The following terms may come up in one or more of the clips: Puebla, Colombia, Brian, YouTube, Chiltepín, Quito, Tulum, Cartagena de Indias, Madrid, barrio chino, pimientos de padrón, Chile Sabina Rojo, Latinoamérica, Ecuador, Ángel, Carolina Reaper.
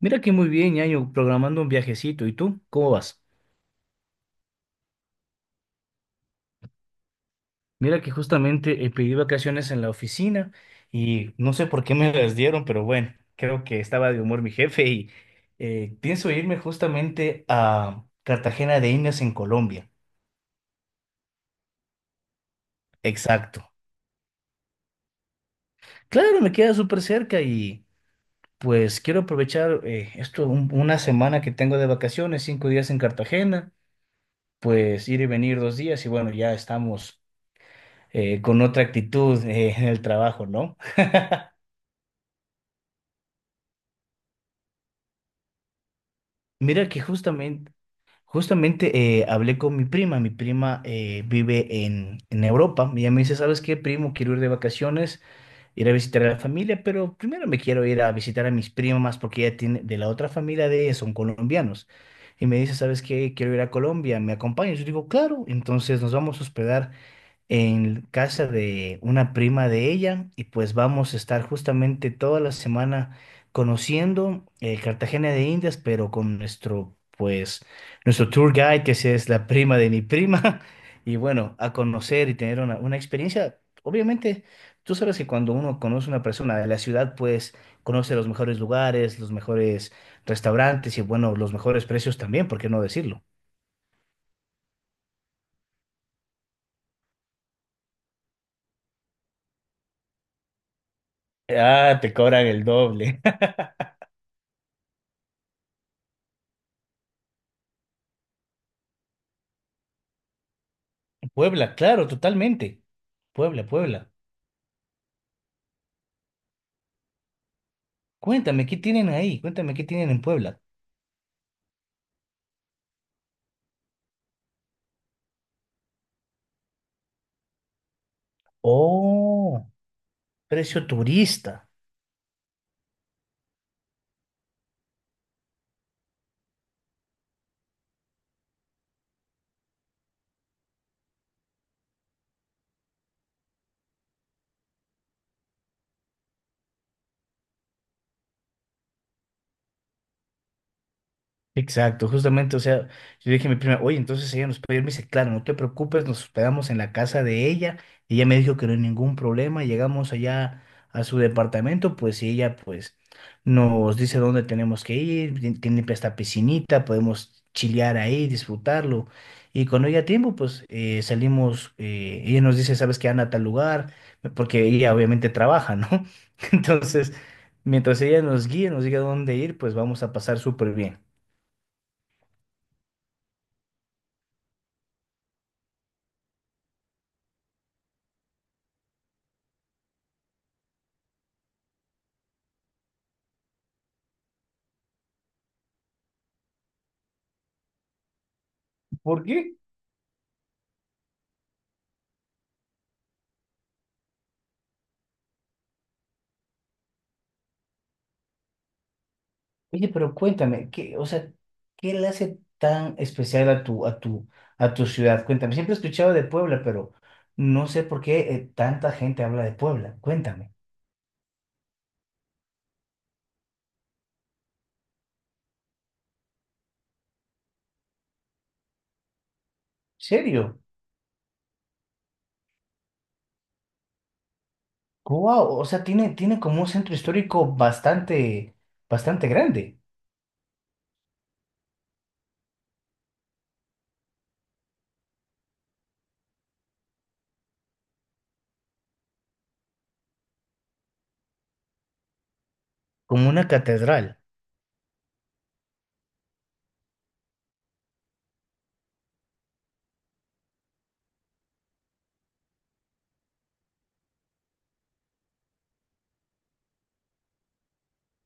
Mira que muy bien, Ñaño, programando un viajecito. ¿Y tú? ¿Cómo vas? Mira que justamente pedí vacaciones en la oficina y no sé por qué me las dieron, pero bueno, creo que estaba de humor mi jefe y pienso irme justamente a Cartagena de Indias en Colombia. Exacto. Claro, me queda súper cerca y pues quiero aprovechar esto, una semana que tengo de vacaciones, 5 días en Cartagena, pues ir y venir 2 días y bueno, ya estamos con otra actitud en el trabajo, ¿no? Mira que justamente, hablé con mi prima. Mi prima vive en Europa. Y ella me dice, ¿sabes qué, primo? Quiero ir de vacaciones, ir a visitar a la familia, pero primero me quiero ir a visitar a mis primas porque ella tiene, de la otra familia de ella son colombianos. Y me dice, ¿sabes qué? Quiero ir a Colombia, ¿me acompañas? Yo digo, claro. Entonces nos vamos a hospedar en casa de una prima de ella y pues vamos a estar justamente toda la semana conociendo Cartagena de Indias, pero con nuestro, pues, nuestro tour guide, que sí es la prima de mi prima, y bueno, a conocer y tener una experiencia. Obviamente, tú sabes que cuando uno conoce a una persona de la ciudad, pues conoce los mejores lugares, los mejores restaurantes y bueno, los mejores precios también, ¿por qué no decirlo? Ah, te cobran el doble. Puebla, claro, totalmente. Puebla, Puebla. Cuéntame, ¿qué tienen ahí? Cuéntame, ¿qué tienen en Puebla? Oh, precio turista. Exacto, justamente, o sea, yo dije a mi prima, oye, entonces ella nos puede ir, me dice, claro, no te preocupes, nos hospedamos en la casa de ella, ella me dijo que no hay ningún problema, llegamos allá a su departamento, pues y ella pues nos dice dónde tenemos que ir, tiene esta piscinita, podemos chilear ahí, disfrutarlo, y cuando haya tiempo, pues salimos, ella nos dice, ¿sabes que Anda a tal lugar, porque ella obviamente trabaja, ¿no? Entonces, mientras ella nos guíe, nos diga dónde ir, pues vamos a pasar súper bien. ¿Por qué? Oye, pero cuéntame, ¿qué, o sea, qué le hace tan especial a tu ciudad? Cuéntame, siempre he escuchado de Puebla, pero no sé por qué tanta gente habla de Puebla. Cuéntame, ¿serio? Wow, o sea, tiene como un centro histórico bastante grande, como una catedral,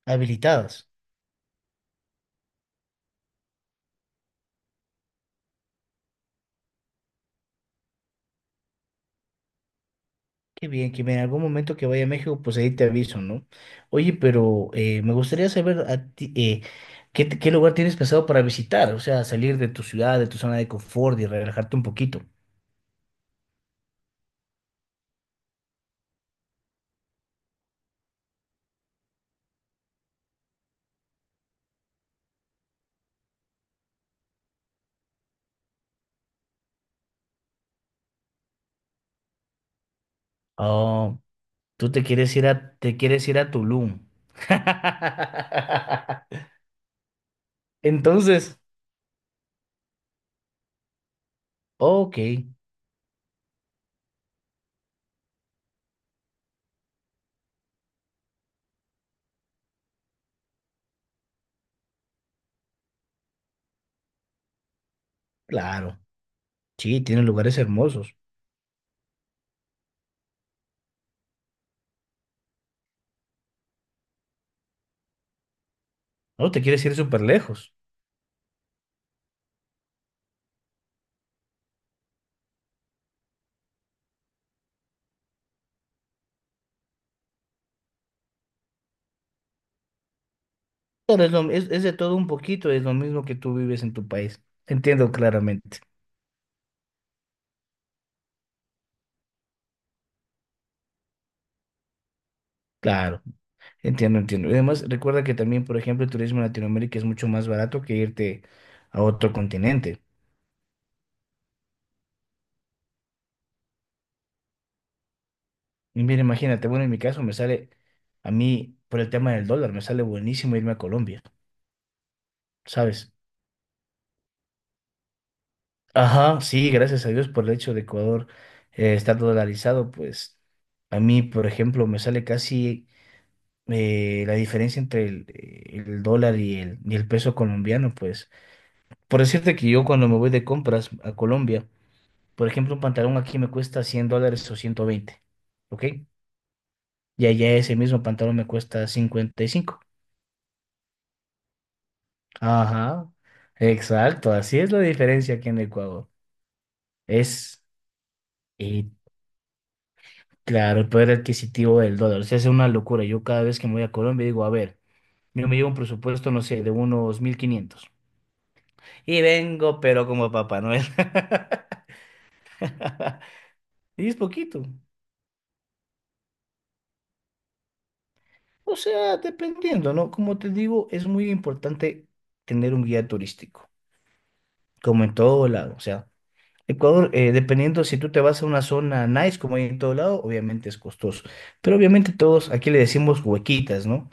habilitados. Qué bien, que en algún momento que vaya a México, pues ahí te aviso, ¿no? Oye, pero me gustaría saber a ti, ¿qué, qué lugar tienes pensado para visitar? O sea, salir de tu ciudad, de tu zona de confort y relajarte un poquito. Oh, tú te quieres ir a, te quieres ir a Tulum. Entonces, ok, claro. Sí, tiene lugares hermosos. No te quieres ir súper lejos. Pero es, es de todo un poquito, es lo mismo que tú vives en tu país. Entiendo claramente. Claro. Entiendo, entiendo. Y además, recuerda que también, por ejemplo, el turismo en Latinoamérica es mucho más barato que irte a otro continente. Y mira, imagínate, bueno, en mi caso me sale, a mí, por el tema del dólar, me sale buenísimo irme a Colombia, ¿sabes? Ajá, sí, gracias a Dios por el hecho de Ecuador estar dolarizado, pues a mí, por ejemplo, me sale casi la diferencia entre el dólar y y el peso colombiano, pues. Por decirte que yo cuando me voy de compras a Colombia, por ejemplo, un pantalón aquí me cuesta $100 o 120, ¿ok? Y allá ese mismo pantalón me cuesta 55. Ajá, exacto, así es la diferencia aquí en Ecuador. Es, y claro, el poder adquisitivo del dólar. O sea, es una locura. Yo cada vez que me voy a Colombia digo, a ver, yo me llevo un presupuesto, no sé, de unos 1500, y vengo, pero como Papá Noel. Y es poquito. O sea, dependiendo, ¿no? Como te digo, es muy importante tener un guía turístico. Como en todo lado. O sea, Ecuador, dependiendo si tú te vas a una zona nice, como hay en todo lado, obviamente es costoso. Pero obviamente todos, aquí le decimos huequitas, ¿no?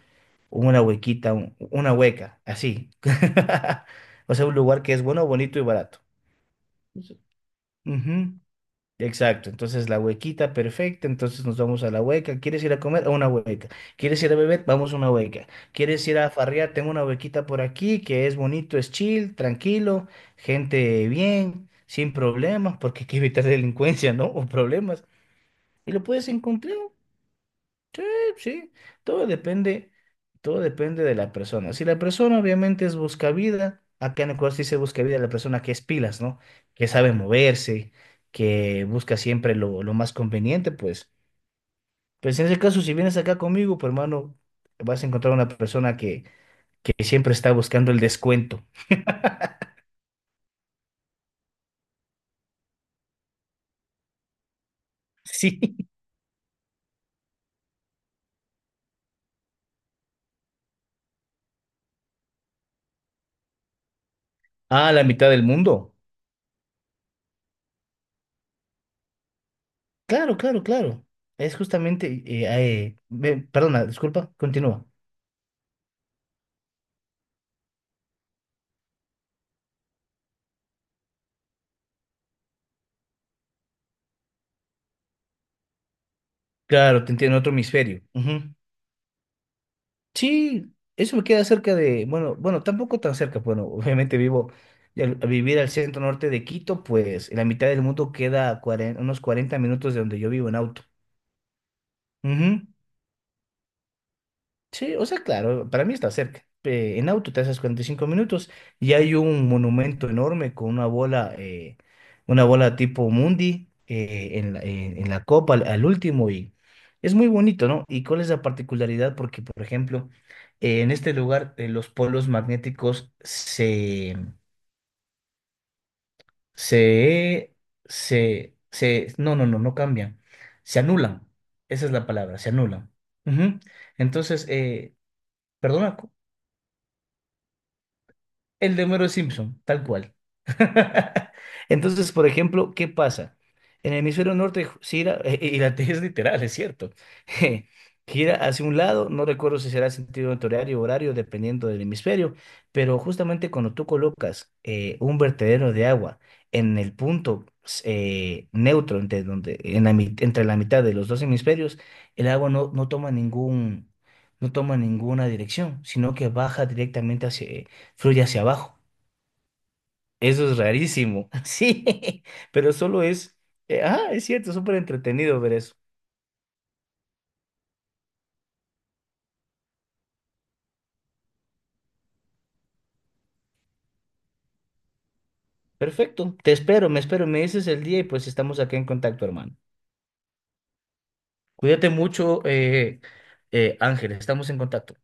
Una huequita, una hueca, así. O sea, un lugar que es bueno, bonito y barato. Ujú. Exacto, entonces la huequita perfecta, entonces nos vamos a la hueca. ¿Quieres ir a comer? A una hueca. ¿Quieres ir a beber? Vamos a una hueca. ¿Quieres ir a farrear? Tengo una huequita por aquí que es bonito, es chill, tranquilo, gente bien, sin problemas, porque hay que evitar delincuencia, ¿no? O problemas. Y lo puedes encontrar. Sí, sí, todo depende, todo depende de la persona. Si la persona obviamente es buscavida, acá en Ecuador sí se busca vida la persona que es pilas, ¿no? Que sabe moverse, que busca siempre lo más conveniente, pues. Pues en ese caso, si vienes acá conmigo, pues hermano, vas a encontrar una persona que siempre está buscando el descuento. Sí. A la mitad del mundo. Claro, claro, claro. Es justamente, perdona, disculpa, continúa. Claro, te entiendo, otro hemisferio. Ujú. Sí, eso me queda cerca de, bueno, bueno, tampoco tan cerca, bueno, obviamente vivo, y al vivir al centro norte de Quito, pues en la mitad del mundo queda unos 40 minutos de donde yo vivo en auto. Ujú. Sí, o sea, claro, para mí está cerca. En auto te haces 45 minutos y hay un monumento enorme con una bola tipo Mundi en la, en la copa al último y es muy bonito, ¿no? ¿Y cuál es la particularidad? Porque, por ejemplo, en este lugar los polos magnéticos se, se, se, se, no, no, no, no cambian, se anulan. Esa es la palabra, se anulan. Ujú. Entonces, perdona. El de Homero Simpson, tal cual. Entonces, por ejemplo, ¿qué pasa? En el hemisferio norte gira, y la T es literal, es cierto, gira hacia un lado, no recuerdo si será sentido horario o horario, dependiendo del hemisferio, pero justamente cuando tú colocas un vertedero de agua en el punto neutro, entre, donde, en la, entre la mitad de los dos hemisferios, el agua no toma ningún, no toma ninguna dirección, sino que baja directamente, fluye hacia abajo. Eso es rarísimo. Sí, pero solo es, es cierto, súper entretenido ver eso. Perfecto, te espero, me dices el día y pues estamos acá en contacto, hermano. Cuídate mucho, Ángel, estamos en contacto.